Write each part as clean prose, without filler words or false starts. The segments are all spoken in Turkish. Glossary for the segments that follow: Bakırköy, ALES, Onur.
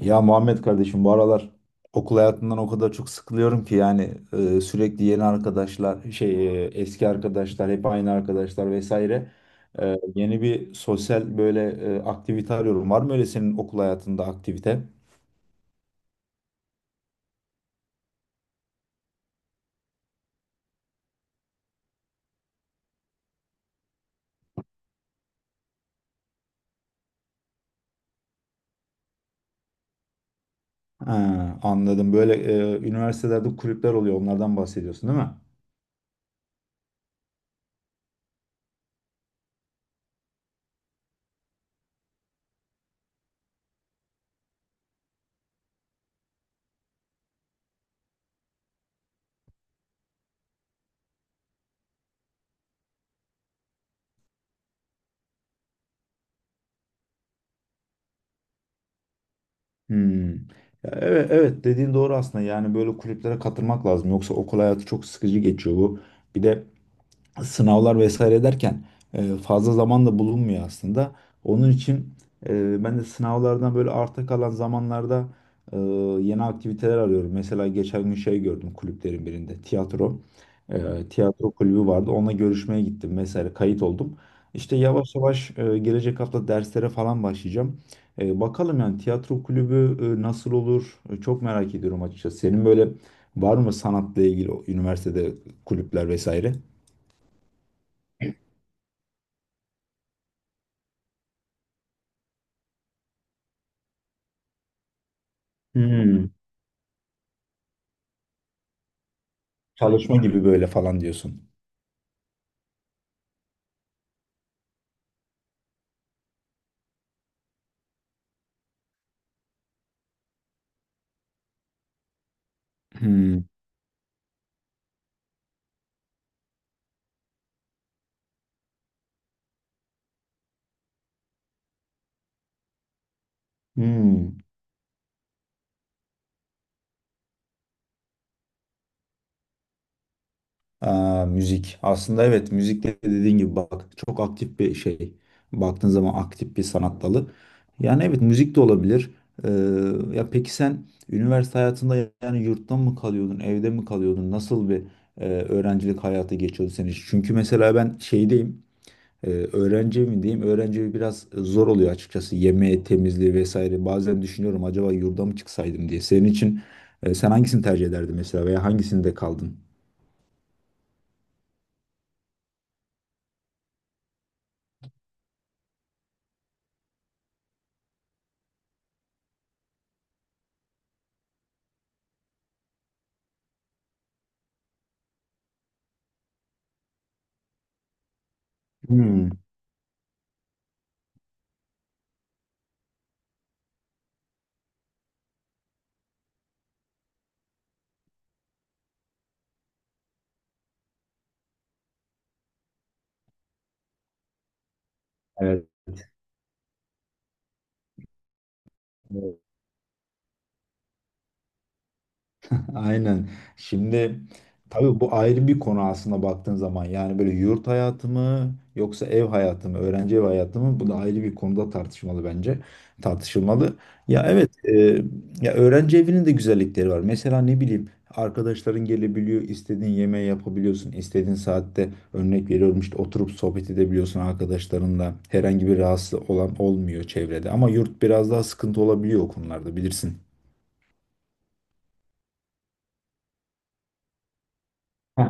Ya Muhammed kardeşim bu aralar okul hayatından o kadar çok sıkılıyorum ki yani sürekli yeni arkadaşlar eski arkadaşlar hep aynı arkadaşlar vesaire. Yeni bir sosyal böyle aktivite arıyorum. Var mı öyle senin okul hayatında aktivite? Ha, anladım. Böyle üniversitelerde kulüpler oluyor. Onlardan bahsediyorsun değil mi? Hmm. Ya evet, evet, dediğin doğru aslında. Yani böyle kulüplere katılmak lazım. Yoksa okul hayatı çok sıkıcı geçiyor bu. Bir de sınavlar vesaire derken fazla zaman da bulunmuyor aslında. Onun için ben de sınavlardan böyle arta kalan zamanlarda e, yeni aktiviteler arıyorum. Mesela geçen gün şey gördüm kulüplerin birinde tiyatro. E, Tiyatro kulübü vardı. Onunla görüşmeye gittim vesaire kayıt oldum. İşte yavaş yavaş gelecek hafta derslere falan başlayacağım. Bakalım yani tiyatro kulübü nasıl olur? Çok merak ediyorum açıkçası. Senin böyle var mı sanatla ilgili o üniversitede kulüpler vesaire? Hmm, Çalışma gibi böyle falan diyorsun. Hmm, hmm. Aa, müzik. Aslında evet müzik de dediğin gibi bak çok aktif bir şey. Baktığın zaman aktif bir sanat dalı. Yani evet müzik de olabilir. Ya peki sen üniversite hayatında yani yurtta mı kalıyordun, evde mi kalıyordun? Nasıl bir öğrencilik hayatı geçiyordu senin için? Çünkü mesela ben şeydeyim. Öğrenci mi diyeyim? Öğrenci evi biraz zor oluyor açıkçası. Yeme, temizliği vesaire. Bazen düşünüyorum acaba yurda mı çıksaydım diye. Senin için sen hangisini tercih ederdin mesela veya hangisinde kaldın? Hmm, evet. Aynen. Şimdi tabii bu ayrı bir konu aslında baktığın zaman. Yani böyle yurt hayatı mı yoksa ev hayatı mı, öğrenci ev hayatı mı? Bu da ayrı bir konuda tartışmalı bence. Tartışılmalı. Ya evet, ya öğrenci evinin de güzellikleri var. Mesela ne bileyim arkadaşların gelebiliyor, istediğin yemeği yapabiliyorsun, istediğin saatte örnek veriyorum işte oturup sohbet edebiliyorsun arkadaşlarınla. Herhangi bir rahatsız olan olmuyor çevrede. Ama yurt biraz daha sıkıntı olabiliyor o konularda bilirsin. Ha,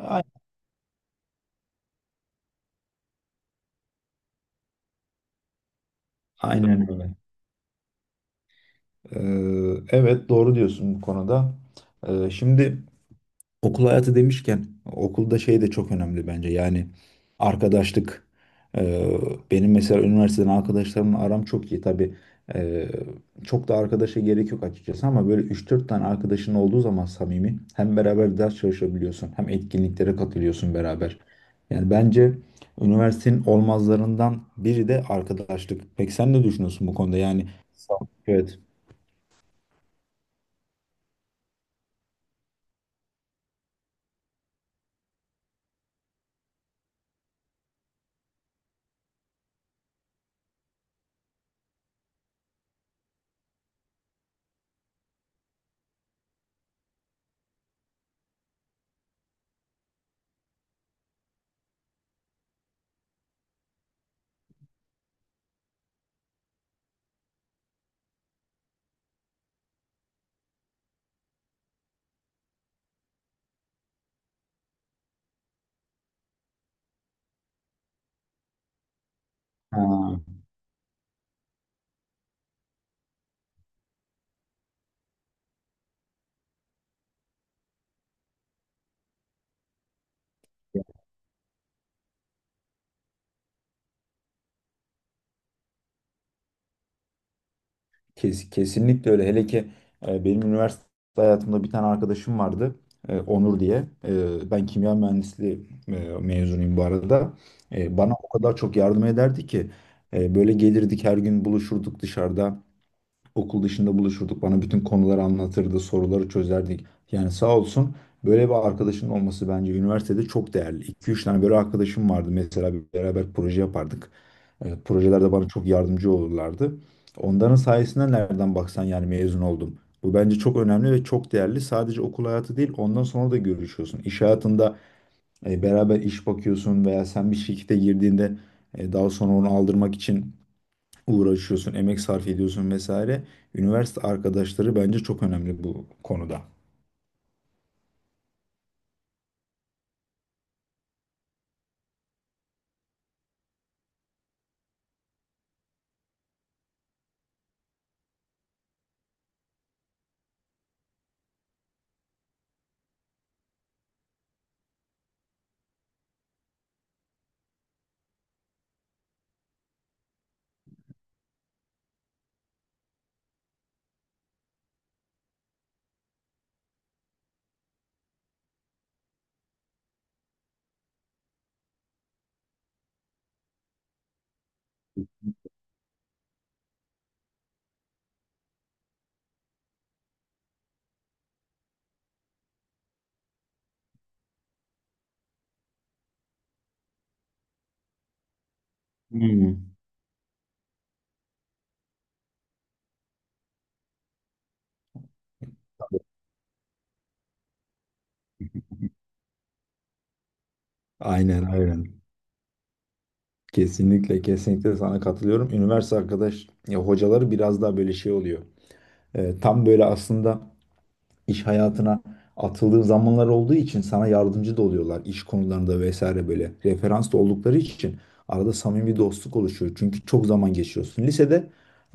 a- aynen öyle. Ee, evet doğru diyorsun bu konuda. Şimdi okul hayatı demişken okulda şey de çok önemli bence. Yani arkadaşlık. Ee, Benim mesela üniversiteden arkadaşlarımla aram çok iyi. Tabii ee, çok da arkadaşa gerek yok açıkçası ama böyle üç dört tane arkadaşın olduğu zaman samimi hem beraber ders çalışabiliyorsun hem etkinliklere katılıyorsun beraber. Yani bence üniversitenin olmazlarından biri de arkadaşlık. Peki sen ne düşünüyorsun bu konuda? Yani, sağ ol. Evet. Ha. Kesinlikle öyle. Hele ki benim üniversite hayatımda bir tane arkadaşım vardı. Onur diye. Ben kimya mühendisliği mezunuyum bu arada. Bana o kadar çok yardım ederdi ki. Böyle gelirdik her gün buluşurduk dışarıda. Okul dışında buluşurduk. Bana bütün konuları anlatırdı, soruları çözerdik. Yani sağ olsun böyle bir arkadaşın olması bence üniversitede çok değerli. 2 üç tane böyle arkadaşım vardı. Mesela bir beraber proje yapardık. Projelerde bana çok yardımcı olurlardı. Onların sayesinde nereden baksan yani mezun oldum. Bu bence çok önemli ve çok değerli. Sadece okul hayatı değil, ondan sonra da görüşüyorsun. İş hayatında beraber iş bakıyorsun veya sen bir şirkete girdiğinde daha sonra onu aldırmak için uğraşıyorsun, emek sarf ediyorsun vesaire. Üniversite arkadaşları bence çok önemli bu konuda. Hmm. Aynen aynen. Kesinlikle kesinlikle sana katılıyorum. Üniversite arkadaş ya hocaları biraz daha böyle şey oluyor. Tam böyle aslında iş hayatına atıldığın zamanlar olduğu için sana yardımcı da oluyorlar iş konularında vesaire böyle referans da oldukları için arada samimi bir dostluk oluşuyor. Çünkü çok zaman geçiriyorsun. Lisede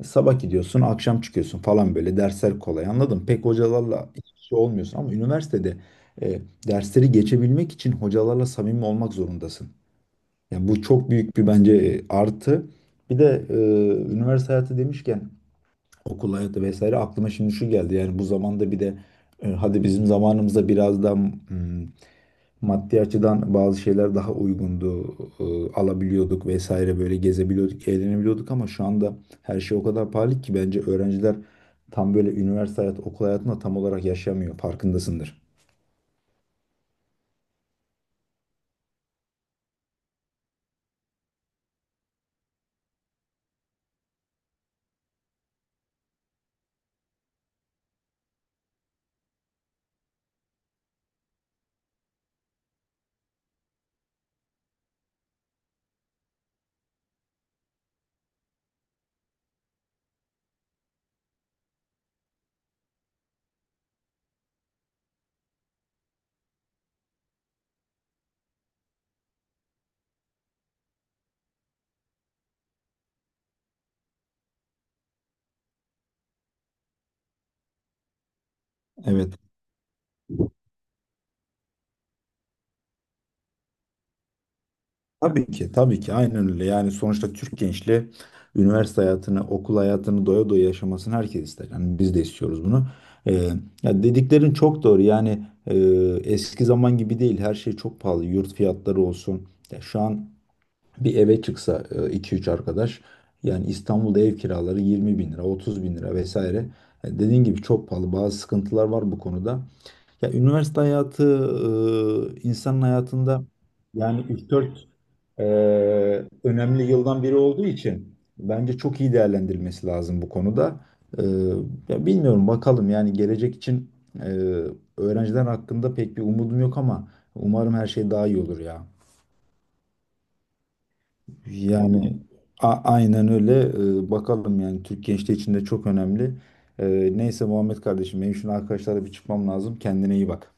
sabah gidiyorsun, akşam çıkıyorsun falan böyle dersler kolay. Anladım. Pek hocalarla şey olmuyorsun ama üniversitede e, dersleri geçebilmek için hocalarla samimi olmak zorundasın. Yani bu çok büyük bir bence artı. Bir de üniversite hayatı demişken okul hayatı vesaire aklıma şimdi şu geldi. Yani bu zamanda bir de hadi bizim zamanımızda biraz daha maddi açıdan bazı şeyler daha uygundu. Alabiliyorduk vesaire böyle gezebiliyorduk, eğlenebiliyorduk ama şu anda her şey o kadar pahalı ki bence öğrenciler tam böyle üniversite hayatı, okul hayatında tam olarak yaşamıyor. Farkındasındır. Evet. Tabii ki, tabii ki. Aynen öyle. Yani sonuçta Türk gençliği üniversite hayatını, okul hayatını doya doya yaşamasını herkes ister. Yani biz de istiyoruz bunu. Ee, Ya dediklerin çok doğru. Yani eski zaman gibi değil. Her şey çok pahalı. Yurt fiyatları olsun. Ya şu an bir eve çıksa iki üç arkadaş yani İstanbul'da ev kiraları 20 bin lira, 30 bin lira vesaire. Dediğin gibi çok pahalı. Bazı sıkıntılar var bu konuda. Ya üniversite hayatı insanın hayatında yani üç dört e, önemli yıldan biri olduğu için bence çok iyi değerlendirilmesi lazım bu konuda. E, Ya bilmiyorum bakalım yani gelecek için e, öğrenciler hakkında pek bir umudum yok ama umarım her şey daha iyi olur ya. Yani aynen öyle. Bakalım yani Türk gençliği için de çok önemli. Neyse Muhammed kardeşim benim şimdi arkadaşlarla bir çıkmam lazım. Kendine iyi bak.